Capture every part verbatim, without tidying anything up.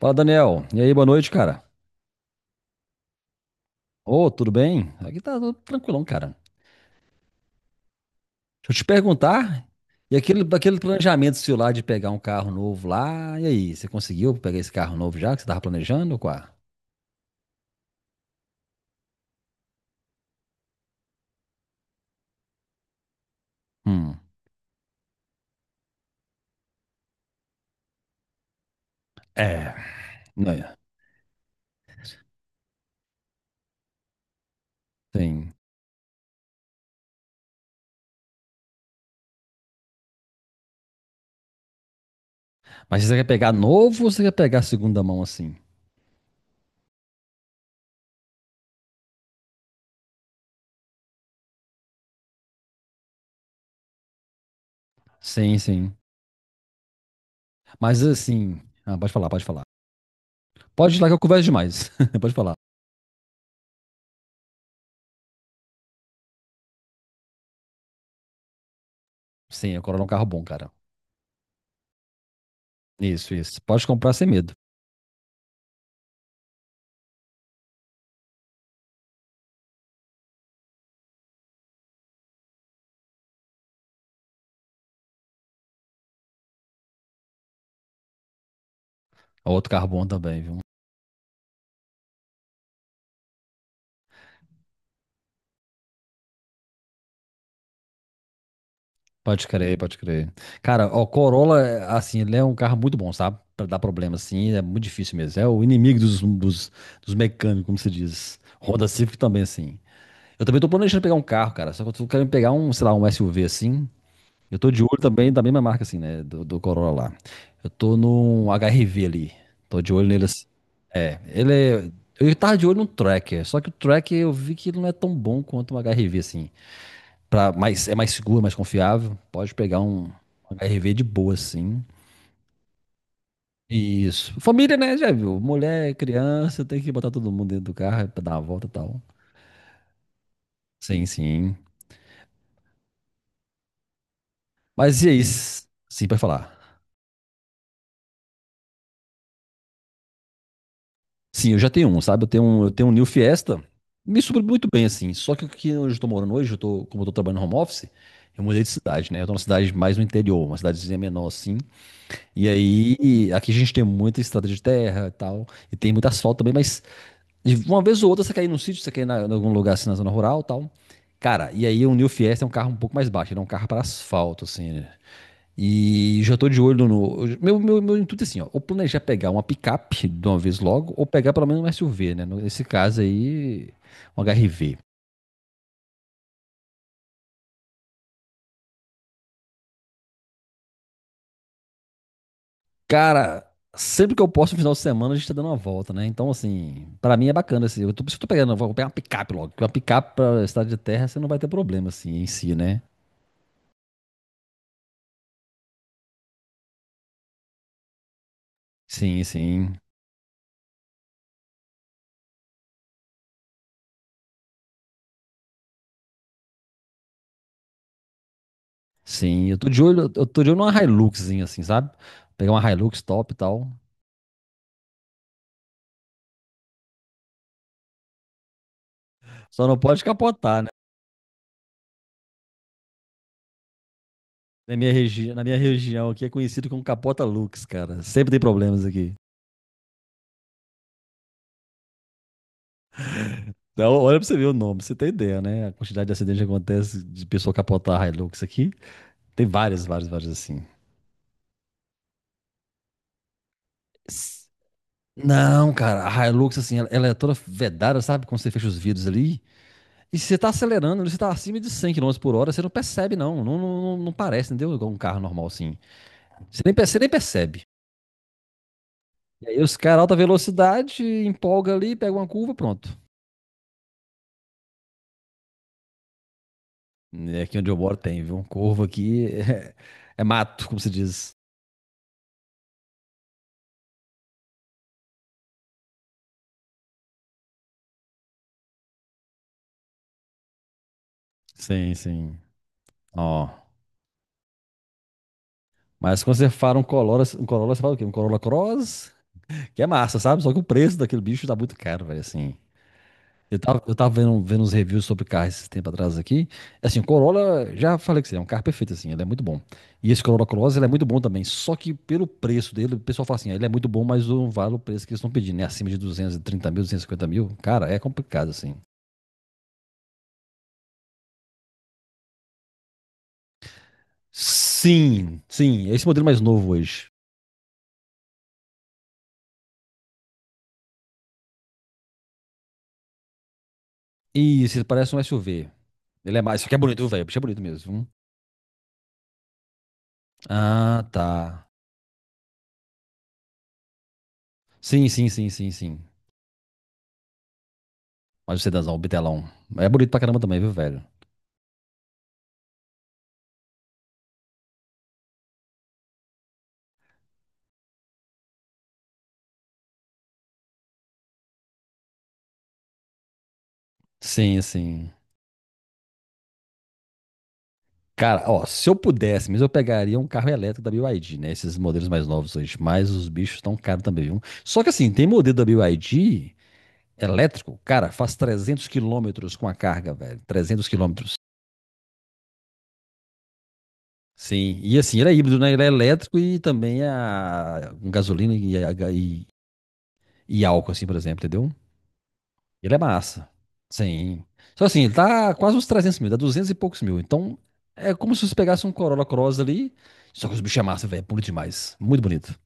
Fala, Daniel. E aí, boa noite, cara. Ô, tudo bem? Aqui tá tudo tranquilão, cara. Deixa eu te perguntar, e aquele, daquele planejamento seu lá de pegar um carro novo lá, e aí, você conseguiu pegar esse carro novo já que você tava planejando, ou qual? Hum, é, né, tem. Mas você quer pegar novo ou você quer pegar segunda mão assim? Sim, sim. Mas assim, ah, pode falar, pode falar. Pode ir lá que eu converso demais. Pode falar. Sim, a Corolla é um carro bom, cara. Isso, isso. Pode comprar sem medo. É outro carro bom também, viu? Pode crer, pode crer. Cara, o Corolla, é, assim, ele é um carro muito bom, sabe? Pra dar problema, assim, é muito difícil mesmo. É o inimigo dos, dos, dos mecânicos, como se diz. Honda Civic também, assim. Eu também tô planejando pegar um carro, cara. Só que eu tô querendo pegar um, sei lá, um S U V, assim. Eu tô de olho também da mesma marca, assim, né? Do, do Corolla lá. Eu tô num H R V ali. Tô de olho nele, assim. É, ele é... Eu tava de olho no Tracker, só que o Tracker eu vi que ele não é tão bom quanto o H R V, assim. Pra mais, é mais seguro, mais confiável. Pode pegar um H R V de boa, assim. Isso. Família, né? Já viu? Mulher, criança, tem que botar todo mundo dentro do carro pra dar uma volta e tal. Sim, sim. Mas e aí? s- Sim, pra falar. Sim, eu já tenho um, sabe? Eu tenho um, eu tenho um New Fiesta. Me supre muito bem, assim. Só que aqui onde eu tô morando hoje, eu tô, como eu tô trabalhando no home office, eu mudei de cidade, né? Eu tô numa cidade mais no interior, uma cidadezinha menor, assim. E aí, aqui a gente tem muita estrada de terra e tal, e tem muito asfalto também, mas de uma vez ou outra você cair num sítio, você cair na- em algum lugar assim na zona rural e tal. Cara, e aí o New Fiesta é um carro um pouco mais baixo, ele é um carro para asfalto, assim, né? E já tô de olho no. Meu, meu, meu intuito é assim, ó. Ou planejar pegar uma picape de uma vez logo, ou pegar pelo menos um S U V, né? Nesse caso aí, um H R V. Cara, sempre que eu posso no final de semana, a gente tá dando uma volta, né? Então, assim, pra mim é bacana. Assim, eu tô, por isso que eu tô pegando, eu vou pegar uma picape logo. Porque uma picape pra estrada de terra, você não vai ter problema, assim, em si, né? Sim, sim. Sim, eu tô de olho, eu tô de olho numa Hiluxzinha, assim, sabe? Pegar uma Hilux top e tal. Só não pode capotar, né? Na minha, regi na minha região aqui é conhecido como capota Lux, cara. Sempre tem problemas aqui. Então, olha pra você ver o nome, pra você tem ideia, né? A quantidade de acidentes que acontece de pessoa capotar a Hilux aqui. Tem várias, várias, várias assim. Não, cara, a Hilux, assim, ela, ela é toda vedada, sabe? Quando você fecha os vidros ali. E se você tá acelerando, você tá acima de cem quilômetros por hora, você não percebe, não. Não, não, não- não parece, entendeu? Igual um carro normal, assim. Você nem, perce- você nem percebe. E aí os caras, alta velocidade, empolga ali, pega uma curva, pronto. E aqui onde eu moro tem, viu? Curva aqui é, é mato, como se diz. Sim, sim. Ó. Mas quando você fala um Corolla, um Corolla, você fala o quê? Um Corolla Cross, que é massa, sabe? Só que o preço daquele bicho tá muito caro, velho, assim. Eu tava, eu tava vendo, vendo uns reviews sobre carros esse tempo atrás aqui. Assim, o Corolla, já falei que você é um carro perfeito, assim, ele é muito bom. E esse Corolla Cross, ele é muito bom também. Só que pelo preço dele, o pessoal fala assim, ah, ele é muito bom, mas não vale o preço que eles estão pedindo, né? Acima de duzentos e trinta mil, duzentos e cinquenta mil. Cara, é complicado, assim. Sim, sim, é esse modelo mais novo hoje. Isso, ele parece um S U V. Ele é mais, só que é bonito, viu, velho. O bicho é bonito mesmo. Viu? Ah, tá. Sim, sim, sim, sim, sim. Mas o sedãzão, o bitelão. É bonito pra caramba também, viu, velho? Sim, sim. Cara, ó, se eu pudesse, mas eu pegaria um carro elétrico da B Y D, né? Esses modelos mais novos hoje. Mas os bichos estão caros também, viu? Só que assim, tem modelo da B Y D elétrico, cara, faz trezentos quilômetros com a carga, velho. trezentos quilômetros. Sim. E assim, ele é híbrido, né? Ele é elétrico e também é a com gasolina e, a- e, e álcool, assim, por exemplo, entendeu? Ele é massa. Sim. Só assim, ele tá quase uns trezentos mil, dá duzentos e poucos mil. Então, é como se você pegasse um Corolla Cross ali. Só que os bichos é massa, velho. É bonito demais. Muito bonito.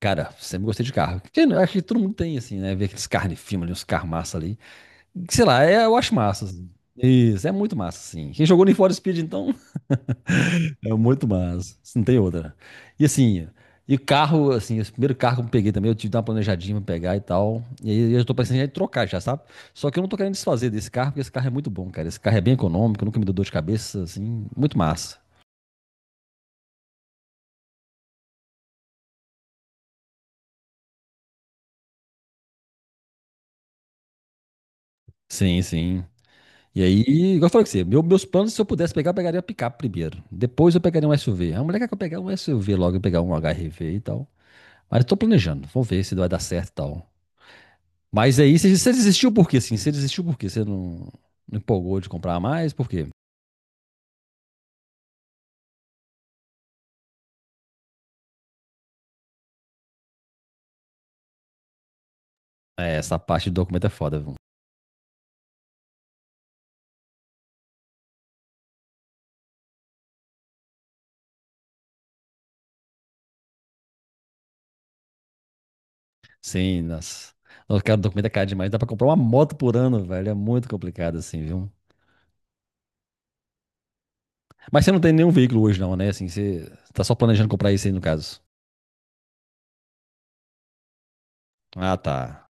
Cara, sempre gostei de carro. Que, né, acho que todo mundo tem, assim, né? Ver aqueles carros de filme ali, uns carros massa ali. Sei lá, é, eu acho massa, assim. Isso, é muito massa, assim. Quem jogou no Need for Speed, então, é muito massa. Isso não tem outra. E assim, e carro, assim, esse primeiro carro que eu peguei também, eu tive que dar uma planejadinha pra pegar e tal. E aí eu tô pensando em trocar já, sabe? Só que eu não tô querendo desfazer desse carro, porque esse carro é muito bom, cara. Esse carro é bem econômico, nunca me deu dor de cabeça, assim, muito massa. Sim, sim. E aí, igual eu falei com você, meu- meus planos, se eu pudesse pegar, eu pegaria a picape primeiro. Depois eu pegaria um S U V. A mulher quer que eu pegar um S U V logo e pegar um H R V e tal. Mas eu tô planejando, vamos ver se vai dar certo e tal. Mas aí, você você desistiu por quê, assim? Você desistiu por quê? Você não, não empolgou de comprar mais? Por quê? É, essa parte do documento é foda, viu? Sim, nossa. Nossa, cara, o documento é caro demais. Dá pra comprar uma moto por ano, velho. É muito complicado, assim, viu? Mas você não tem nenhum veículo hoje, não, né? Assim, você tá só planejando comprar isso aí, no caso. Ah, tá.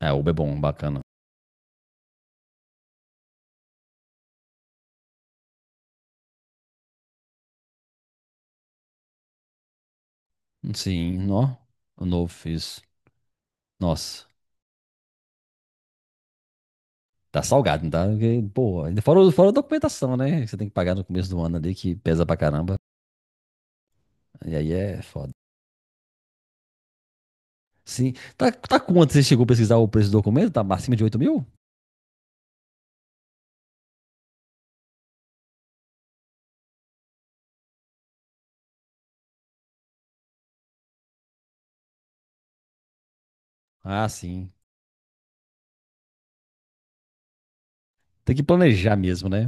É, Uber é bom, bacana. Sim, nó. O novo fiz. Nossa, tá salgado, não tá? Porque, pô, ainda fora, o- fora a documentação, né? Que você tem que pagar no começo do ano ali, que pesa pra caramba. E aí é foda. Sim. Tá, tá quanto? Você chegou a pesquisar o preço do documento? Tá acima de oito mil? Ah, sim. Tem que planejar mesmo, né?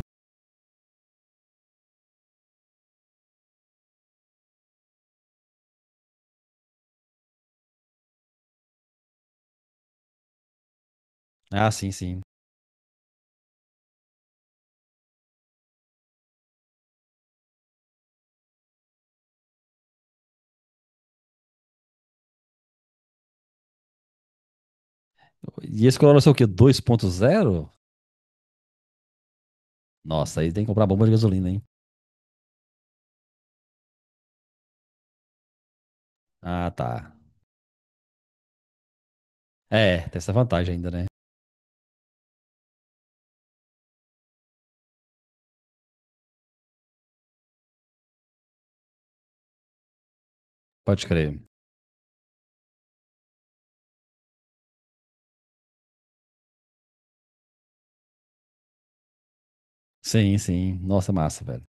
Ah, sim, sim. E esse Corolla é o quê? Dois ponto zero. Nossa, aí tem que comprar bomba de gasolina, hein? Ah, tá. É, tem essa vantagem ainda, né? Pode crer. Sim, sim. Nossa, massa, velho.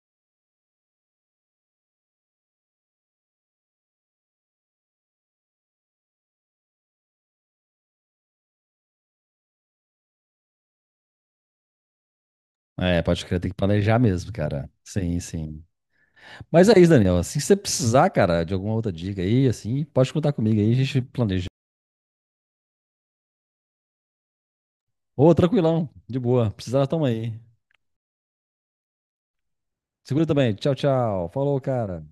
É, pode crer, tem que planejar mesmo, cara. Sim, sim. Mas é isso, Daniel. Assim, se você precisar, cara, de alguma outra dica aí, assim, pode contar comigo aí, a gente planeja. Ô, tranquilão, de boa. Precisar, tamo aí. Segura também. Tchau, tchau. Falou, cara.